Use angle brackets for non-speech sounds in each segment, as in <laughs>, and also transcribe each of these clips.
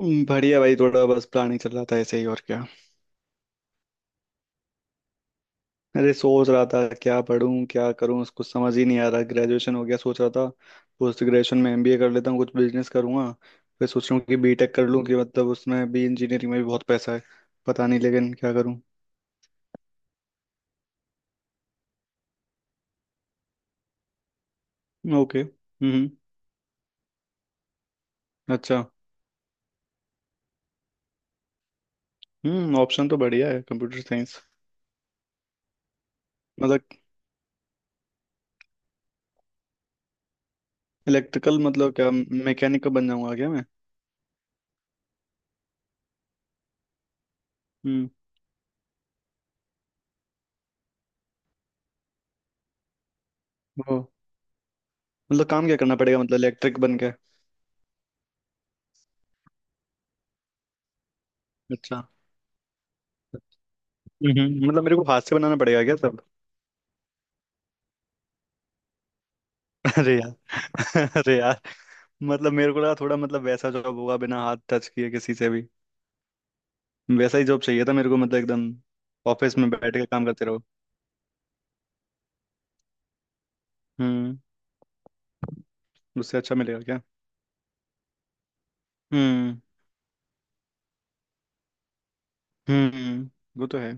बढ़िया भाई। थोड़ा बस प्लानिंग चल रहा था ऐसे ही। और क्या। अरे सोच रहा था क्या पढूं क्या करूं, कुछ समझ ही नहीं आ रहा। ग्रेजुएशन हो गया, सोच रहा था पोस्ट ग्रेजुएशन में एमबीए कर लेता हूँ, कुछ बिजनेस करूंगा। फिर सोच रहा हूँ कि बीटेक कर लूँ, कि मतलब उसमें भी इंजीनियरिंग में भी बहुत पैसा है। पता नहीं, लेकिन क्या करूँ। ओके। हम्म। अच्छा। हम्म, ऑप्शन तो बढ़िया है कंप्यूटर साइंस। मतलब इलेक्ट्रिकल मतलब क्या, मैकेनिकल बन जाऊंगा क्या मैं। हम्म, वो। मतलब काम क्या करना पड़ेगा, मतलब इलेक्ट्रिक बन के। अच्छा। हम्म, मतलब मेरे को हाथ से बनाना पड़ेगा क्या सब। अरे यार <laughs> अरे यार। मतलब मेरे को लगा थोड़ा, मतलब वैसा जॉब होगा बिना हाथ टच किए किसी से भी। वैसा ही जॉब चाहिए था मेरे को, मतलब एकदम ऑफिस में बैठ के काम करते रहो। हम्म। उससे अच्छा मिलेगा क्या। हम्म। हम्म, वो तो है।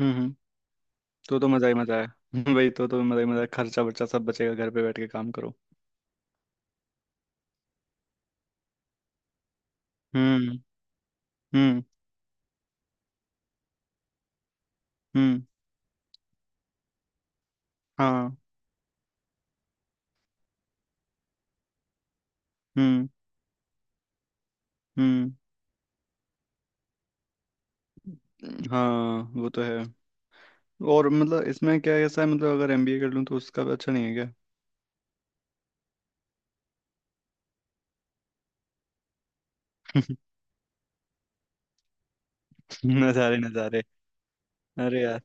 हम्म, हम्म। तो मजा ही मजा है। <laughs> वही तो मजा ही मजा है, खर्चा वर्चा सब बचेगा, घर पे बैठ के काम करो। हम्म। हम्म। हम्म। हाँ। हम्म। हम्म। हाँ, वो तो है। और मतलब इसमें क्या ऐसा है, मतलब अगर एमबीए कर लूँ तो उसका भी अच्छा नहीं है क्या। <laughs> नज़ारे नज़ारे। अरे यार।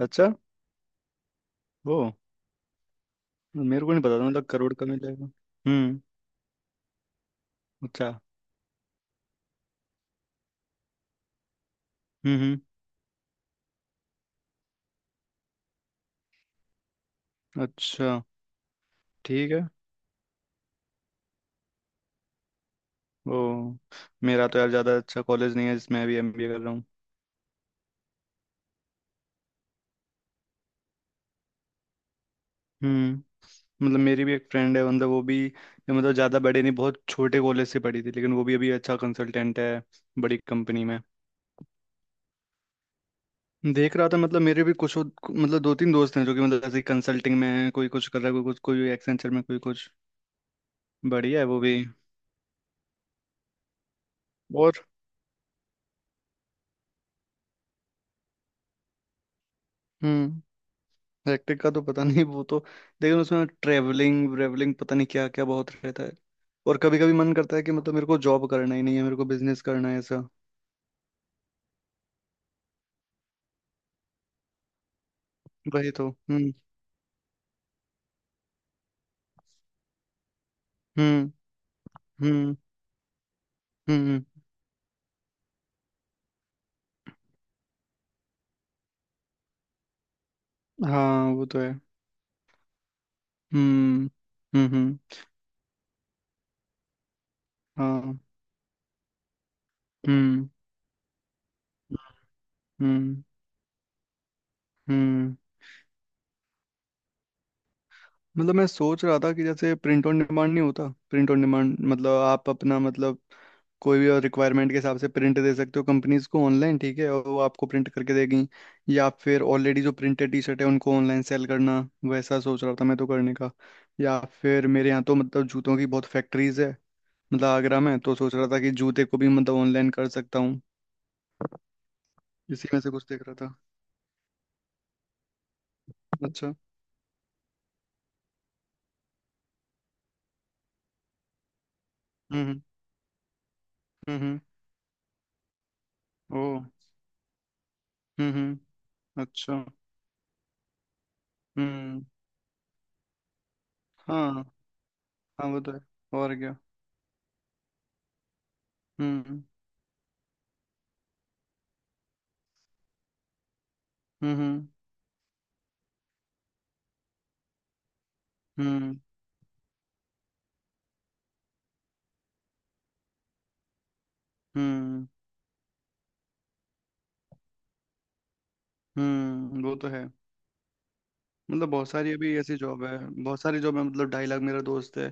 अच्छा। वो, मेरे को नहीं पता था मतलब करोड़ का मिलेगा। हम्म। अच्छा। हम्म। हम्म। अच्छा। ठीक है। वो, मेरा तो यार ज़्यादा अच्छा कॉलेज नहीं है जिसमें अभी एमबीए कर रहा हूँ। हम्म। मतलब मेरी भी एक फ्रेंड है, मतलब वो भी मतलब ज़्यादा बड़े नहीं, बहुत छोटे कॉलेज से पढ़ी थी, लेकिन वो भी अभी अच्छा कंसल्टेंट है बड़ी कंपनी में। देख रहा था, मतलब मेरे भी कुछ मतलब दो तीन दोस्त हैं जो कि मतलब ऐसे कंसल्टिंग में है, कोई कुछ कर रहा है, कोई कुछ, कोई एक्सेंचर में, कोई कुछ। बढ़िया है वो भी। और। हम्म। हेक्टिक का तो पता नहीं वो तो, लेकिन उसमें ट्रेवलिंग व्रेवलिंग पता नहीं क्या क्या बहुत रहता है। और कभी कभी मन करता है कि मतलब मेरे को जॉब करना ही नहीं है, मेरे को बिजनेस करना है ऐसा। वही तो। हम्म। हम्म। हम्म। हम्म। हम्म। हाँ, वो तो है। हम्म। हम्म। हम्म। हाँ। हम्म। हम्म। हम्म। मतलब मैं सोच रहा था कि जैसे प्रिंट ऑन डिमांड नहीं होता, प्रिंट ऑन डिमांड मतलब आप अपना, मतलब कोई भी रिक्वायरमेंट के हिसाब से प्रिंट दे सकते हो कंपनीज को ऑनलाइन, ठीक है, और वो आपको प्रिंट करके देगी। या फिर ऑलरेडी जो प्रिंटेड टी शर्ट है उनको ऑनलाइन सेल करना, वैसा सोच रहा था मैं तो करने का। या फिर मेरे यहाँ तो मतलब जूतों की बहुत फैक्ट्रीज है, मतलब आगरा में, तो सोच रहा था कि जूते को भी मतलब ऑनलाइन कर सकता हूँ। इसी में से कुछ देख रहा था। अच्छा। हम्म। हम्म। हम्म। ओ। हम्म। हम्म। अच्छा। हम्म। हाँ। हाँ, वो तो है। और क्या। हम्म। हम्म। हम्म। हम्म। हम्म, वो तो है। मतलब बहुत सारी अभी ऐसी जॉब है। बहुत सारी जॉब है, मतलब 2.5 लाख। मेरा दोस्त है,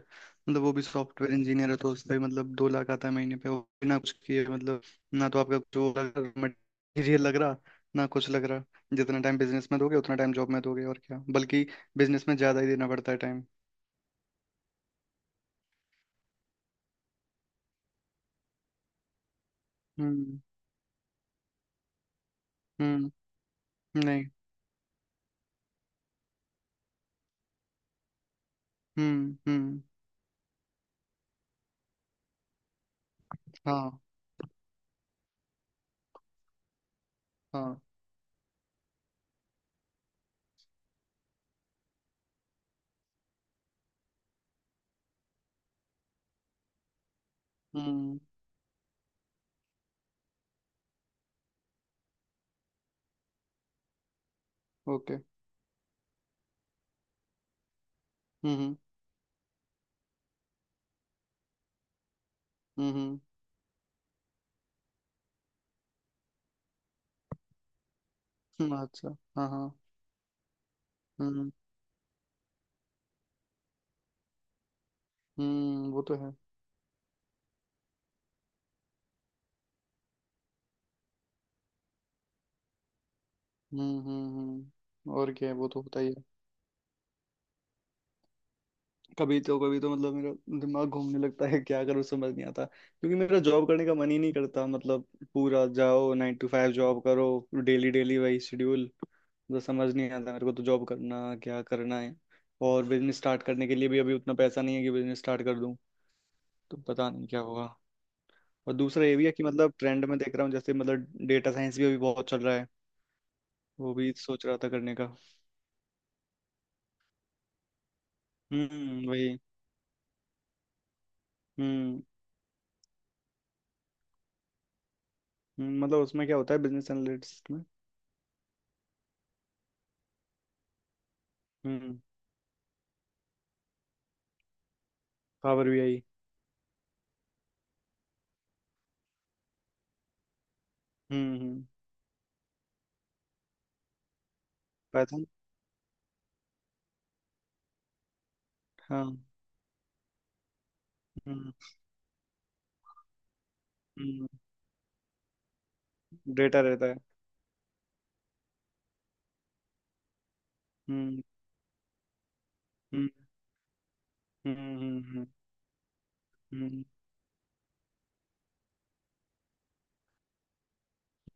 मतलब वो भी सॉफ्टवेयर इंजीनियर है, तो उसका भी मतलब 2 लाख आता है महीने पे, वो भी ना कुछ किए मतलब। ना तो आपका कुछ वो लग रहा, मटेरियल लग रहा, ना कुछ लग रहा। जितना टाइम बिजनेस में दोगे उतना टाइम जॉब में दोगे और क्या, बल्कि बिजनेस में ज्यादा ही देना पड़ता है टाइम। हम्म। हम्म। नहीं। हम्म। हम्म। हाँ। हाँ। हम्म। ओके। हम्म। हम्म। अच्छा। हाँ हाँ। हम्म। हम्म, वो तो है। हम्म। हम्म। और क्या है, वो तो होता ही है। कभी तो, कभी तो मतलब मेरा दिमाग घूमने लगता है क्या करूँ, समझ नहीं आता, क्योंकि मेरा जॉब करने का मन ही नहीं करता, मतलब पूरा जाओ 9 to 5 जॉब करो, डेली डेली वही शेड्यूल। तो समझ नहीं आता मेरे को तो जॉब करना क्या करना है। और बिजनेस स्टार्ट करने के लिए भी अभी उतना पैसा नहीं है कि बिजनेस स्टार्ट कर दूं। तो पता नहीं क्या होगा। और दूसरा ये भी है कि मतलब ट्रेंड में देख रहा हूँ, जैसे मतलब डेटा साइंस भी अभी बहुत चल रहा है, वो भी सोच रहा था करने का। हम्म, वही। हम्म। मतलब उसमें क्या होता है बिजनेस एनालिटिक्स में। हम्म। Power BI। हम्म। हम्म। पाइथन। हाँ। हम्म। हम्म। डेटा रहता है। हम्म। हम्म। हम्म। हम्म। हम्म।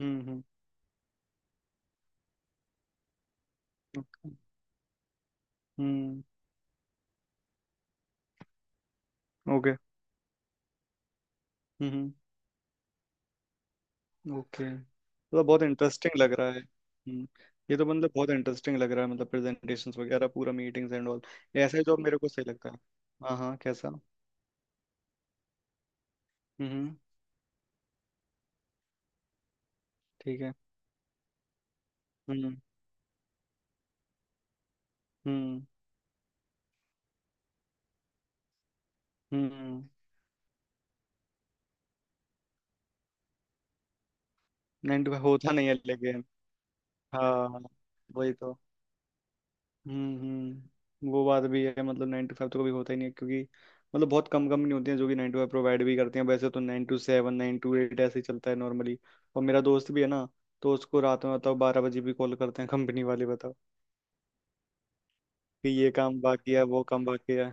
हम्म। हम्म। ओके। हम्म। ओके। हम्म। ओके, मतलब बहुत इंटरेस्टिंग लग रहा है। हम्म। ये तो मतलब बहुत इंटरेस्टिंग लग रहा है, मतलब प्रेजेंटेशंस वगैरह पूरा, मीटिंग्स एंड ऑल, ऐसा जॉब मेरे को सही लगता है। हाँ हाँ। कैसा। हम्म। ठीक है। हम्म। हम्म। हम्म। नहीं तो होता नहीं है, लेकिन हाँ, वही तो। हम्म, हम्म, वो बात भी है, मतलब 9 to 5 तो कभी होता ही नहीं है, क्योंकि मतलब बहुत कम कंपनी होती है जो कि 9 to 5 प्रोवाइड भी करती हैं। वैसे तो 9 to 7, 9 to 8 ऐसे ही चलता है नॉर्मली। और मेरा दोस्त भी है ना, तो उसको रात में बताओ 12 बजे भी कॉल करते हैं कंपनी वाले बताओ, कि ये काम बाकी है, वो काम बाकी है।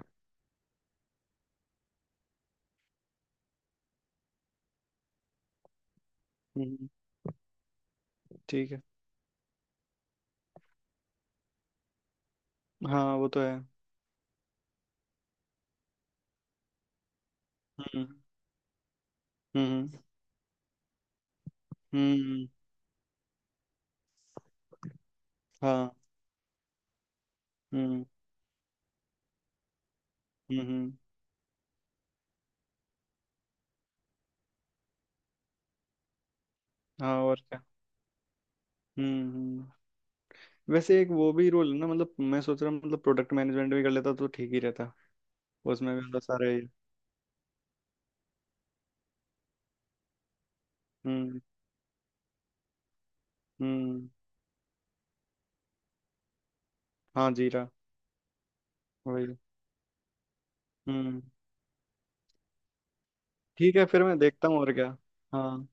हम्म। ठीक है। हाँ, वो तो है। हम्म। हम्म। हम्म। हाँ। हम्म। हम्म। हाँ और क्या। हम्म। हम्म। वैसे एक वो भी रोल है ना, मतलब मैं सोच रहा हूँ मतलब प्रोडक्ट मैनेजमेंट भी कर लेता तो ठीक ही रहता। उसमें भी मतलब सारे। हम्म। हम्म। हाँ, जीरा। वही। हम्म। ठीक है, फिर मैं देखता हूँ और क्या। हाँ।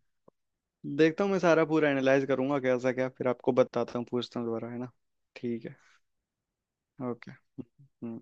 देखता हूँ मैं, सारा पूरा एनालाइज करूंगा कैसा क्या, फिर आपको बताता हूँ, पूछता हूँ दोबारा, है ना। ठीक है। ओके।